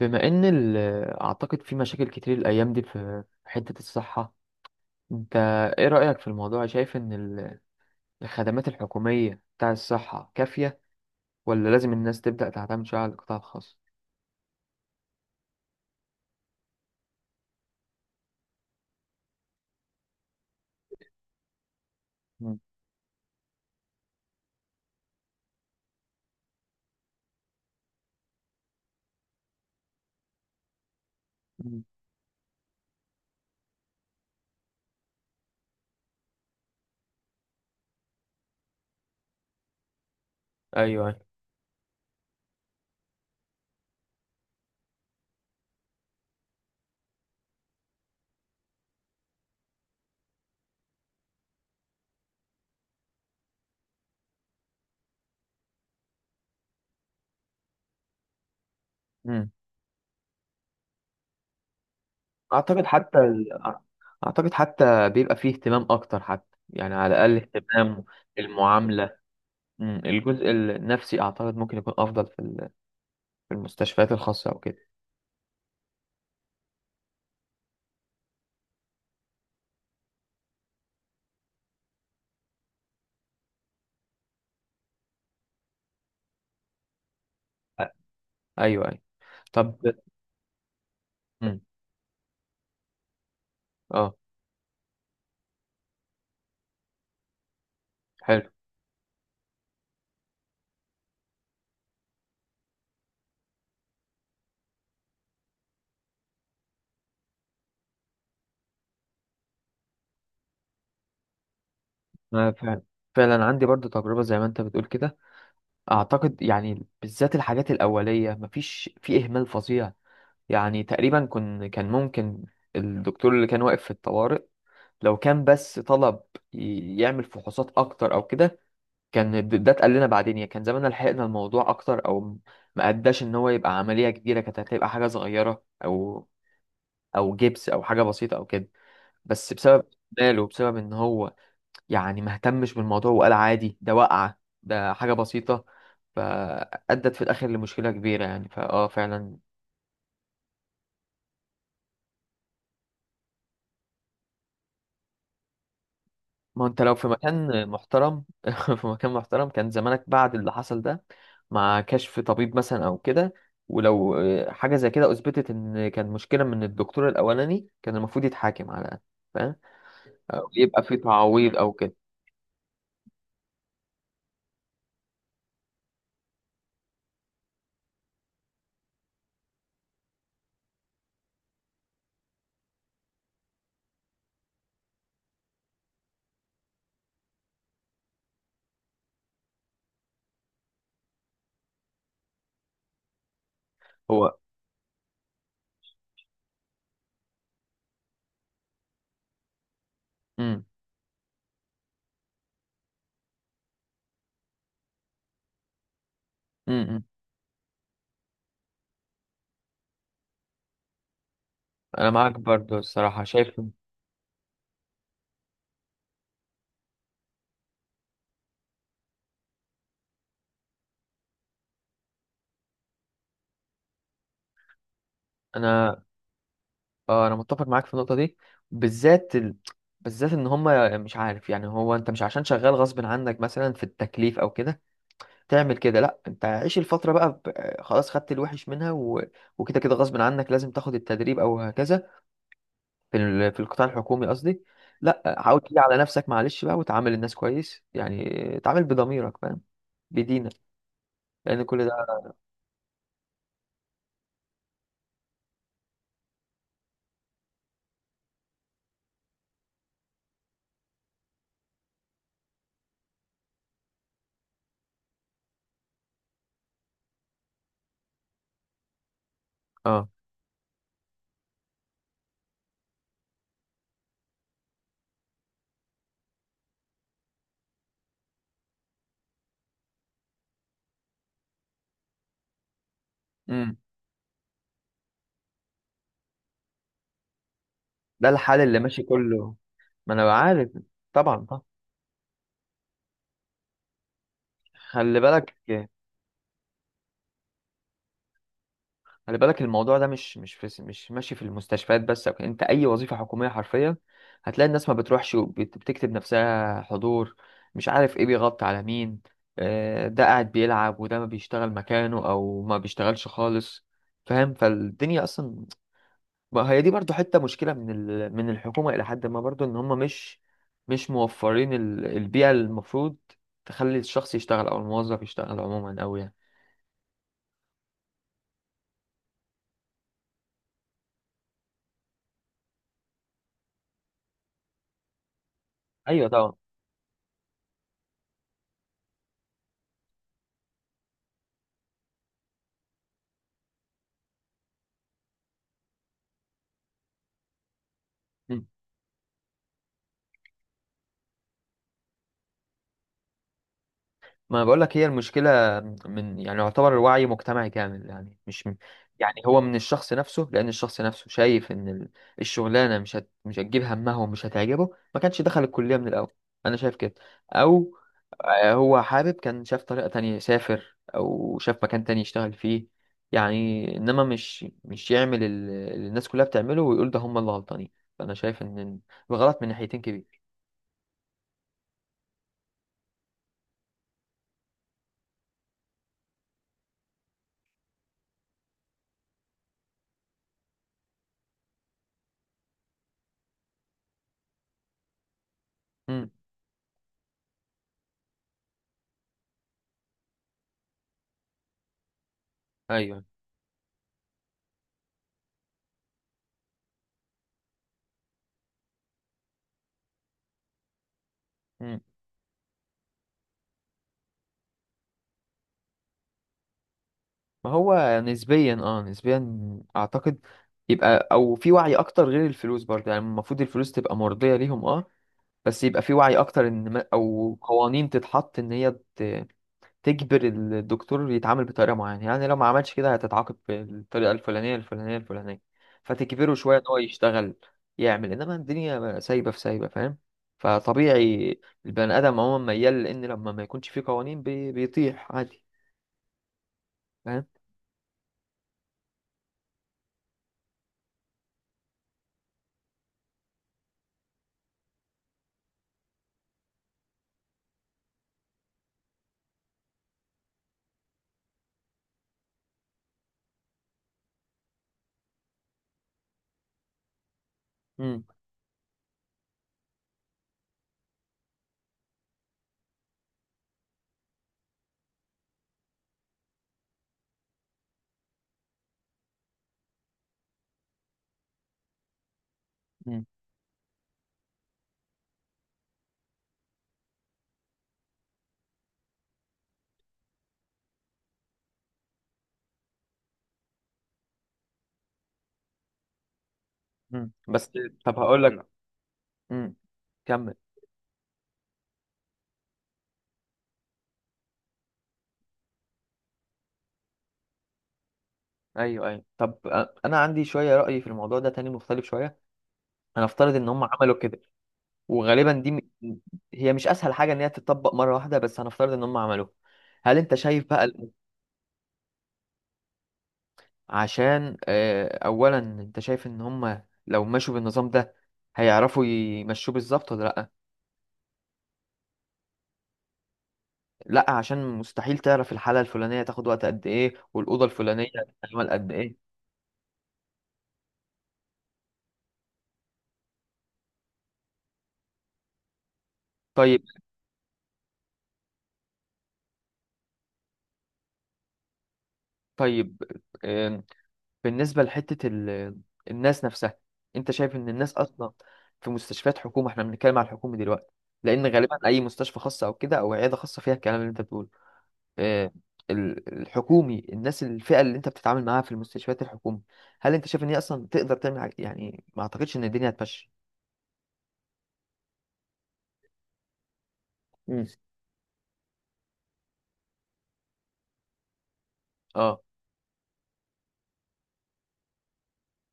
بما ان ال- اعتقد في مشاكل كتير الايام دي في حتة الصحة. انت ايه رأيك في الموضوع؟ شايف الخدمات الحكومية بتاع الصحة كافية، ولا لازم الناس تبدأ تعتمد شوية على القطاع الخاص؟ مم. مم. ايوه أيوة. مم. اعتقد حتى ال... اعتقد حتى بيبقى فيه اهتمام اكتر، حتى يعني على الاقل اهتمام المعاملة. مم. الجزء النفسي اعتقد ممكن يكون افضل في المستشفيات الخاصة او كده. أ- ايوه ايوه. طب. مم. اه. حلو. أنا فعلا فعلا عندي برضو تجربة زي ما انت بتقول كده. اعتقد يعني بالذات الحاجات الاولية مفيش في اهمال فظيع. يعني تقريبا كان ممكن الدكتور اللي كان واقف في الطوارئ لو كان بس طلب يعمل فحوصات اكتر او كده. كان ده اتقال لنا بعدين، يعني كان زماننا لحقنا الموضوع اكتر ما اداش ان هو يبقى عملية كبيرة، كانت هتبقى حاجة صغيرة، او او جبس او حاجة بسيطة او كده. بس بسبب ماله وبسبب ان هو يعني ما اهتمش بالموضوع، وقال عادي ده وقعة، ده حاجة بسيطة. فأدت في الآخر لمشكلة كبيرة يعني، فعلا. ما أنت لو في مكان محترم في مكان محترم كان زمانك بعد اللي حصل ده مع كشف طبيب مثلا أو كده، ولو حاجة زي كده أثبتت إن كان مشكلة من الدكتور الأولاني، كان المفروض يتحاكم على الأقل. فاهم. أو يبقى في تعويض أو كده. هو امم، امم، أنا معاك برضو الصراحة، شايف. أنا اه انا متفق معاك في النقطه دي، بالذات ال... بالذات ان هم، مش عارف، يعني هو انت مش عشان شغال غصب عنك مثلا في التكليف او كده تعمل كده. لا، انت عيش الفتره بقى خلاص خدت الوحش منها، و... وكده كده غصب عنك لازم تاخد التدريب او هكذا. في القطاع الحكومي قصدي. لا، حاول تيجي على نفسك معلش بقى، وتعامل الناس كويس يعني. اتعامل بضميرك، فاهم؟ بدينك. لان كل ده. اه، امم. ده الحال اللي ماشي كله. ما انا عارف. طبعا طبعا. خلي بالك. الموضوع ده مش ماشي في المستشفيات بس أو كده. انت اي وظيفه حكوميه حرفيا هتلاقي الناس ما بتروحش وبتكتب نفسها حضور. مش عارف ايه بيغطي على مين، ده قاعد بيلعب، وده ما بيشتغل مكانه او ما بيشتغلش خالص. فاهم؟ فالدنيا اصلا، ما هي دي برضو حته مشكله من الحكومه الى حد ما، برضو ان هم مش موفرين البيئه اللي المفروض تخلي الشخص يشتغل او الموظف يشتغل عموما أوي يعني. ايوه طبعا. ما بقول لك، هي المشكلة من يعني يعتبر الوعي مجتمعي كامل، يعني مش من، يعني هو من الشخص نفسه. لأن الشخص نفسه شايف إن الشغلانة مش هتجيب همها ومش هتعجبه، ما كانش دخل الكلية من الأول. أنا شايف كده. أو هو حابب كان شاف طريقة تانية يسافر، أو شاف مكان تاني يشتغل فيه. يعني إنما مش يعمل اللي الناس كلها بتعمله، ويقول ده هم اللي غلطانين. فأنا شايف إن الغلط من ناحيتين كبير. امم. أيوه. مم. ما هو نسبيا، نسبيا اعتقد يبقى او في وعي اكتر غير الفلوس برضه، يعني المفروض الفلوس تبقى مرضية ليهم بس يبقى في وعي اكتر، ان ما او قوانين تتحط ان هي تجبر الدكتور يتعامل بطريقة معينة. يعني لو ما عملش كده هتتعاقب بالطريقة الفلانية الفلانية الفلانية، فتجبره شوية ان هو يشتغل يعمل. انما الدنيا سايبة في سايبة، فاهم؟ فطبيعي البني ادم عموما ميال لان لما ما يكونش فيه قوانين بيطيح عادي. فاهم؟ مم. مم. بس. طب هقول لك. مم. كمل. ايوه ايوه طب، انا عندي شويه راي في الموضوع ده تاني مختلف شويه. هنفترض ان هم عملوا كده، وغالبا دي م... هي مش اسهل حاجه ان هي تتطبق مره واحده، بس هنفترض ان هم عملوها. هل انت شايف بقى عشان اولا انت شايف ان هم لو مشوا بالنظام ده هيعرفوا يمشوه بالظبط ولا لا؟ لا عشان مستحيل تعرف الحاله الفلانيه تاخد وقت قد ايه، والاوضه الفلانيه تعمل قد ايه. طيب. طيب. بالنسبة لحتة الناس نفسها، انت شايف ان الناس اصلا في مستشفيات حكومة، احنا بنتكلم على الحكومة دلوقتي، لان غالبا اي مستشفى خاصة او كده او عيادة خاصة فيها الكلام اللي انت بتقوله. آه، الحكومي، الناس الفئة اللي انت بتتعامل معاها في المستشفيات الحكومية، هل انت شايف ان هي اصلا تقدر تعمل حاجة؟ يعني ما اعتقدش ان الدنيا هتمشي. مم. اه.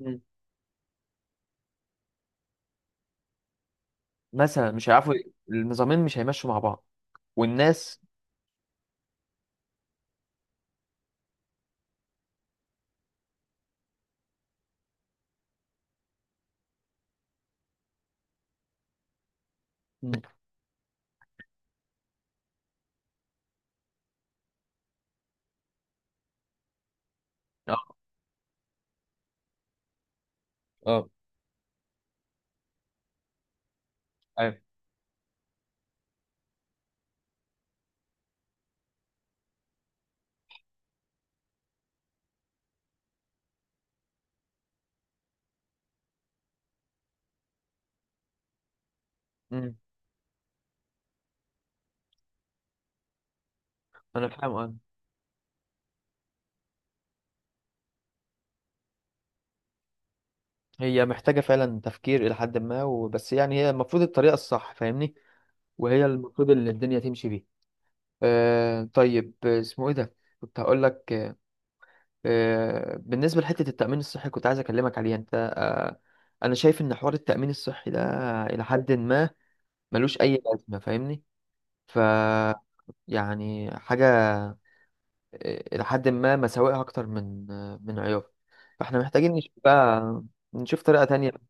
مم. مثلا مش هيعرفوا، النظامين مش هيمشوا مع بعض والناس. مم. اه، اه. ايوه. مم. انا فاهم. هي محتاجة فعلا تفكير إلى حد ما وبس، يعني هي المفروض الطريقة الصح، فاهمني، وهي المفروض اللي الدنيا تمشي بيها. آه طيب، اسمه إيه ده، كنت هقول لك بالنسبة لحتة التأمين الصحي كنت عايز أكلمك عليها أنت أنا شايف إن حوار التأمين الصحي ده إلى حد ما ملوش أي لازمة، فاهمني. ف يعني حاجة، إلى حد ما مساوئها أكتر من من عيوبها. فإحنا محتاجين نشوف بقى، نشوف طريقة تانية